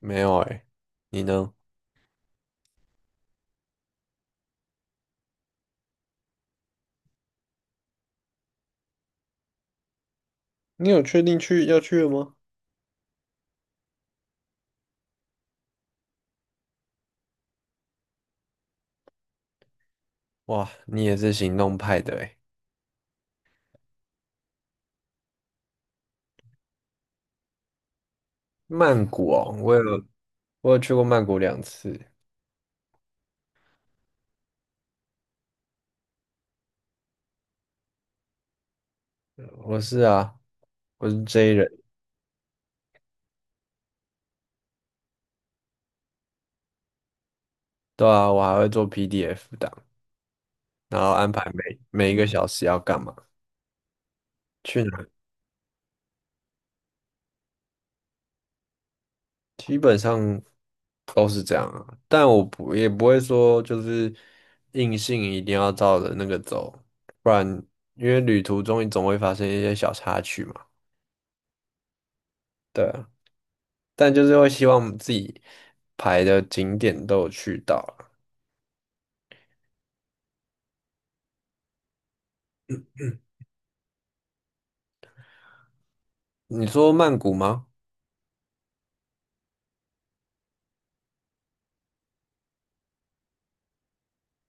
没有哎，你呢？你有确定要去了吗？哇，你也是行动派的哎，曼谷哦，我有去过曼谷两次，我是啊，我是 J 人，对啊，我还会做 PDF 档，然后安排每一个小时要干嘛，去哪，基本上都是这样啊，但我不也不会说就是硬性一定要照着那个走，不然因为旅途中你总会发生一些小插曲嘛，对啊，但就是会希望自己排的景点都有去到啊。你说曼谷吗？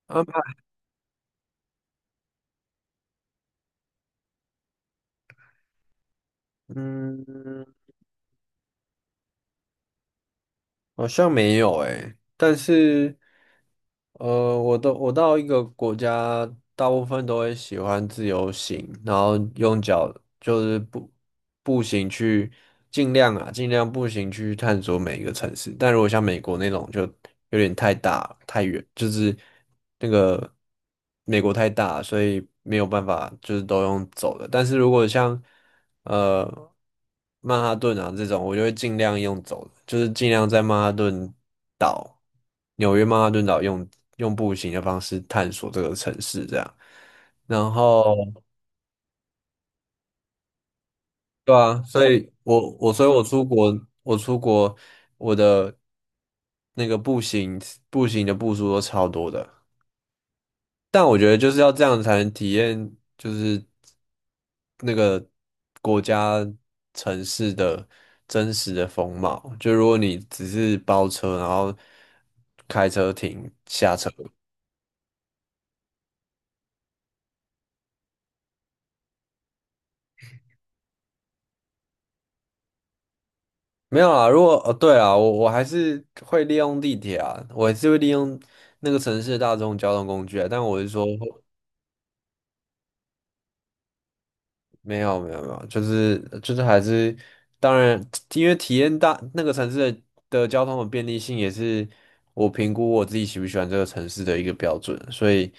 啊，嗯，好像没有诶，但是我到一个国家，大部分都会喜欢自由行，然后用脚就是步行去，尽量啊，尽量步行去探索每一个城市。但如果像美国那种，就有点太大太远，就是那个。美国太大，所以没有办法就是都用走的。但是如果像呃曼哈顿啊这种，我就会尽量用走的，就是尽量在曼哈顿岛、纽约曼哈顿岛用步行的方式探索这个城市这样。然后对啊，所以我出国我的那个步行的步数都超多的。但我觉得就是要这样才能体验，就是那个国家城市的真实的风貌。就如果你只是包车，然后开车停下车，没有啊？如果哦，对啊，我还是会利用地铁啊，我还是会利用那个城市的大众交通工具啊。但我是说，没有没有没有，就是还是，当然，因为体验那个城市的交通的便利性也是我评估我自己喜不喜欢这个城市的一个标准，所以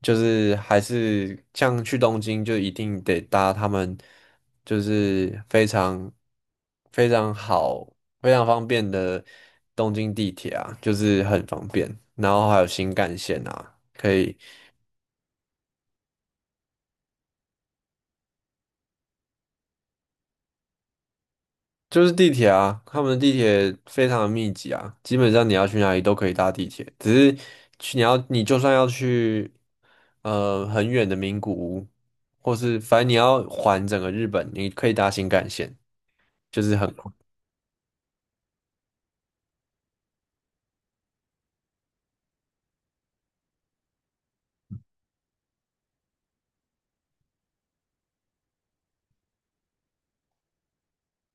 就是还是像去东京就一定得搭他们就是非常非常好非常方便的东京地铁啊，就是很方便，然后还有新干线啊。可以。就是地铁啊，他们的地铁非常的密集啊，基本上你要去哪里都可以搭地铁，只是去你要你就算要去很远的名古屋，或是反正你要环整个日本，你可以搭新干线，就是很快。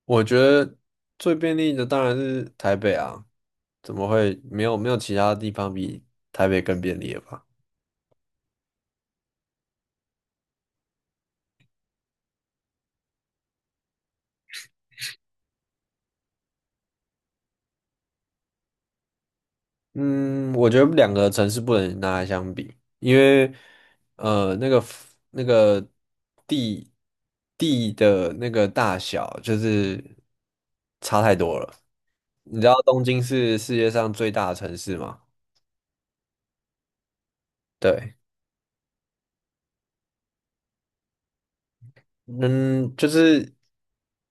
我觉得最便利的当然是台北啊，怎么会没有其他地方比台北更便利了吧？嗯，我觉得两个城市不能拿来相比，因为呃，那个那个地地的那个大小就是差太多了。你知道东京是世界上最大的城市吗？对，嗯，就是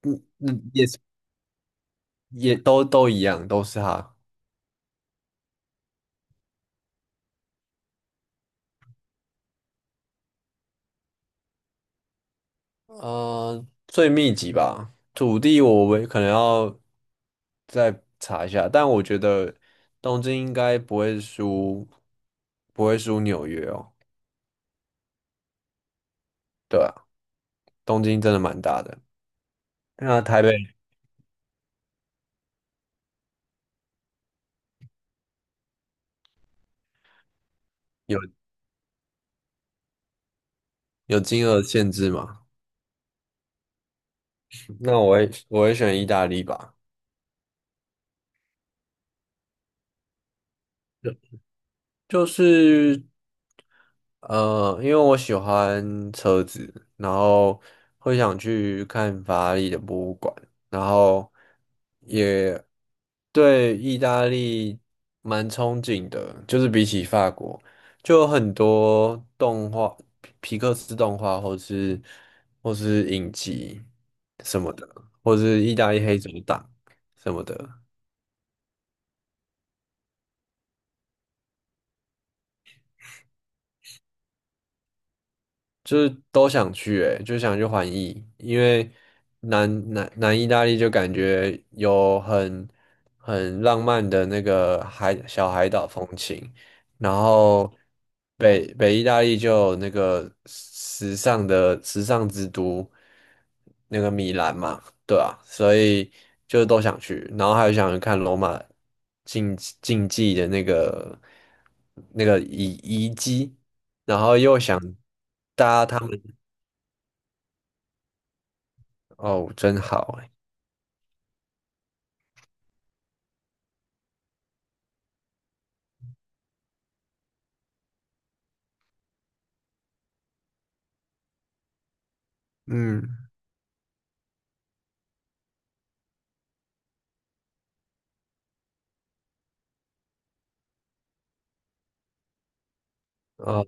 嗯嗯，也是也都一样，都是它。最密集吧，土地我为可能要再查一下，但我觉得东京应该不会输，不会输纽约哦。对啊，东京真的蛮大的。那台北有有金额限制吗？那我会选意大利吧。就是因为我喜欢车子，然后会想去看法拉利的博物馆，然后也对意大利蛮憧憬的，就是比起法国，就有很多动画，皮克斯动画，或是影集什么的，或是意大利黑手党什么的。就是都想去，欸，就想去环意，因为南意大利就感觉有很浪漫的那个小海岛风情，然后北意大利就有那个时尚之都，那个米兰嘛，对啊，所以就都想去，然后还有想去看罗马竞技的那个遗迹，然后又想搭他们，哦，真好哎，嗯，哦，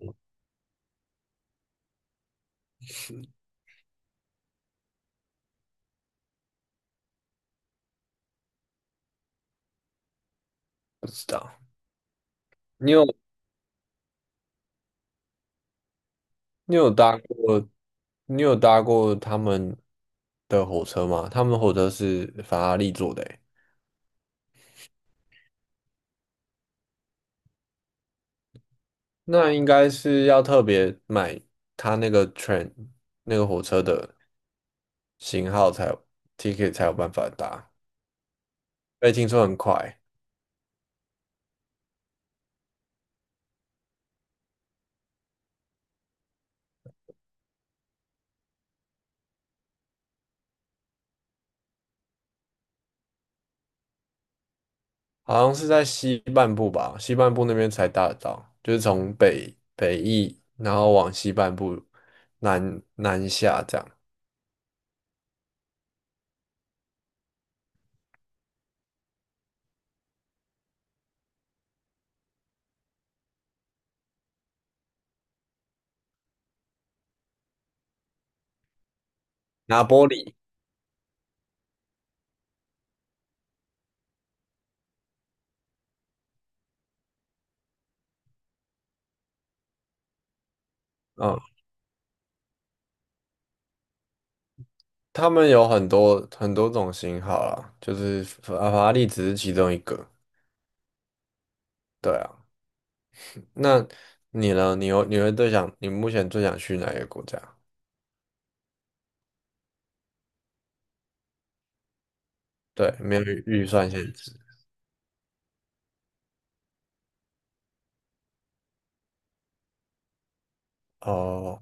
不知道，你有你有搭过，你有搭过他们的火车吗？他们火车是法拉利做的哎，那应该是要特别买他那个火车的型号才有 ticket 才有办法搭，被听说很快。好像是在西半部吧，西半部那边才搭得到，就是从北翼，然后往西半部南下这样。拿玻里，嗯，他们有很多很多种型号啦，就是法拉利只是其中一个。对啊，那你呢？你目前最想去哪一个国家？对，没有预算限制。哦，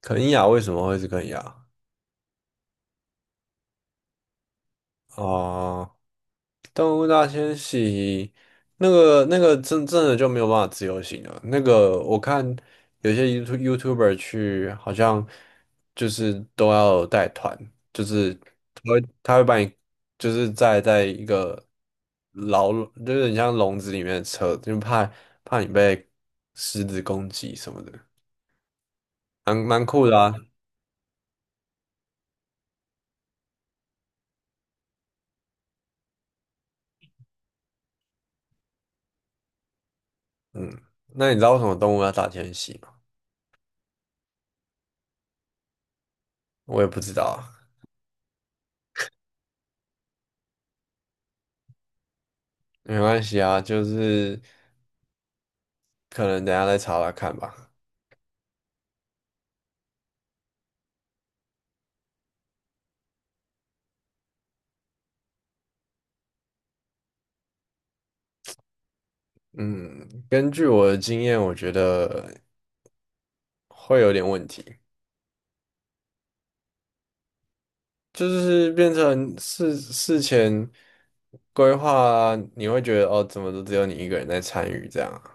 肯亚为什么会是肯亚？哦。动物大迁徙，那个真的就没有办法自由行了。那个我看有些 YouTuber 去，好像就是都要带团，就是他会把你就是在一个牢，就是你像笼子里面的车，就怕你被狮子攻击什么的，蛮酷的啊。嗯，那你知道为什么动物要大迁徙吗？我也不知道啊，没关系啊，就是。可能等一下再查查看吧。嗯，根据我的经验，我觉得会有点问题，就是变成事前规划啊，你会觉得哦，怎么都只有你一个人在参与这样啊。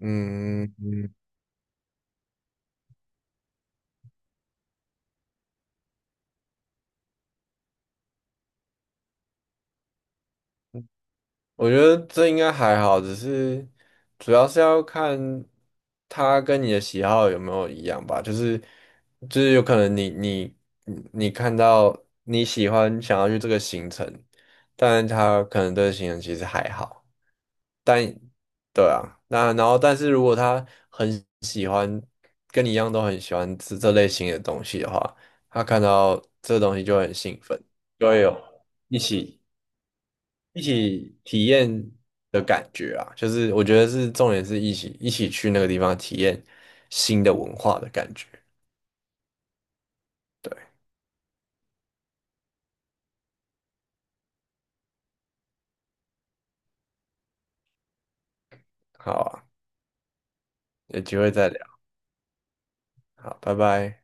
嗯，我觉得这应该还好，只是主要是要看他跟你的喜好有没有一样吧。就是有可能你看到你喜欢想要去这个行程，但是他可能对行程其实还好。但对啊，那然后但是如果他很喜欢跟你一样都很喜欢吃这类型的东西的话，他看到这东西就会很兴奋，就会有一起。一起体验的感觉啊，就是我觉得是重点是一起去那个地方体验新的文化的感觉。对，好啊，有机会再聊，好，拜拜。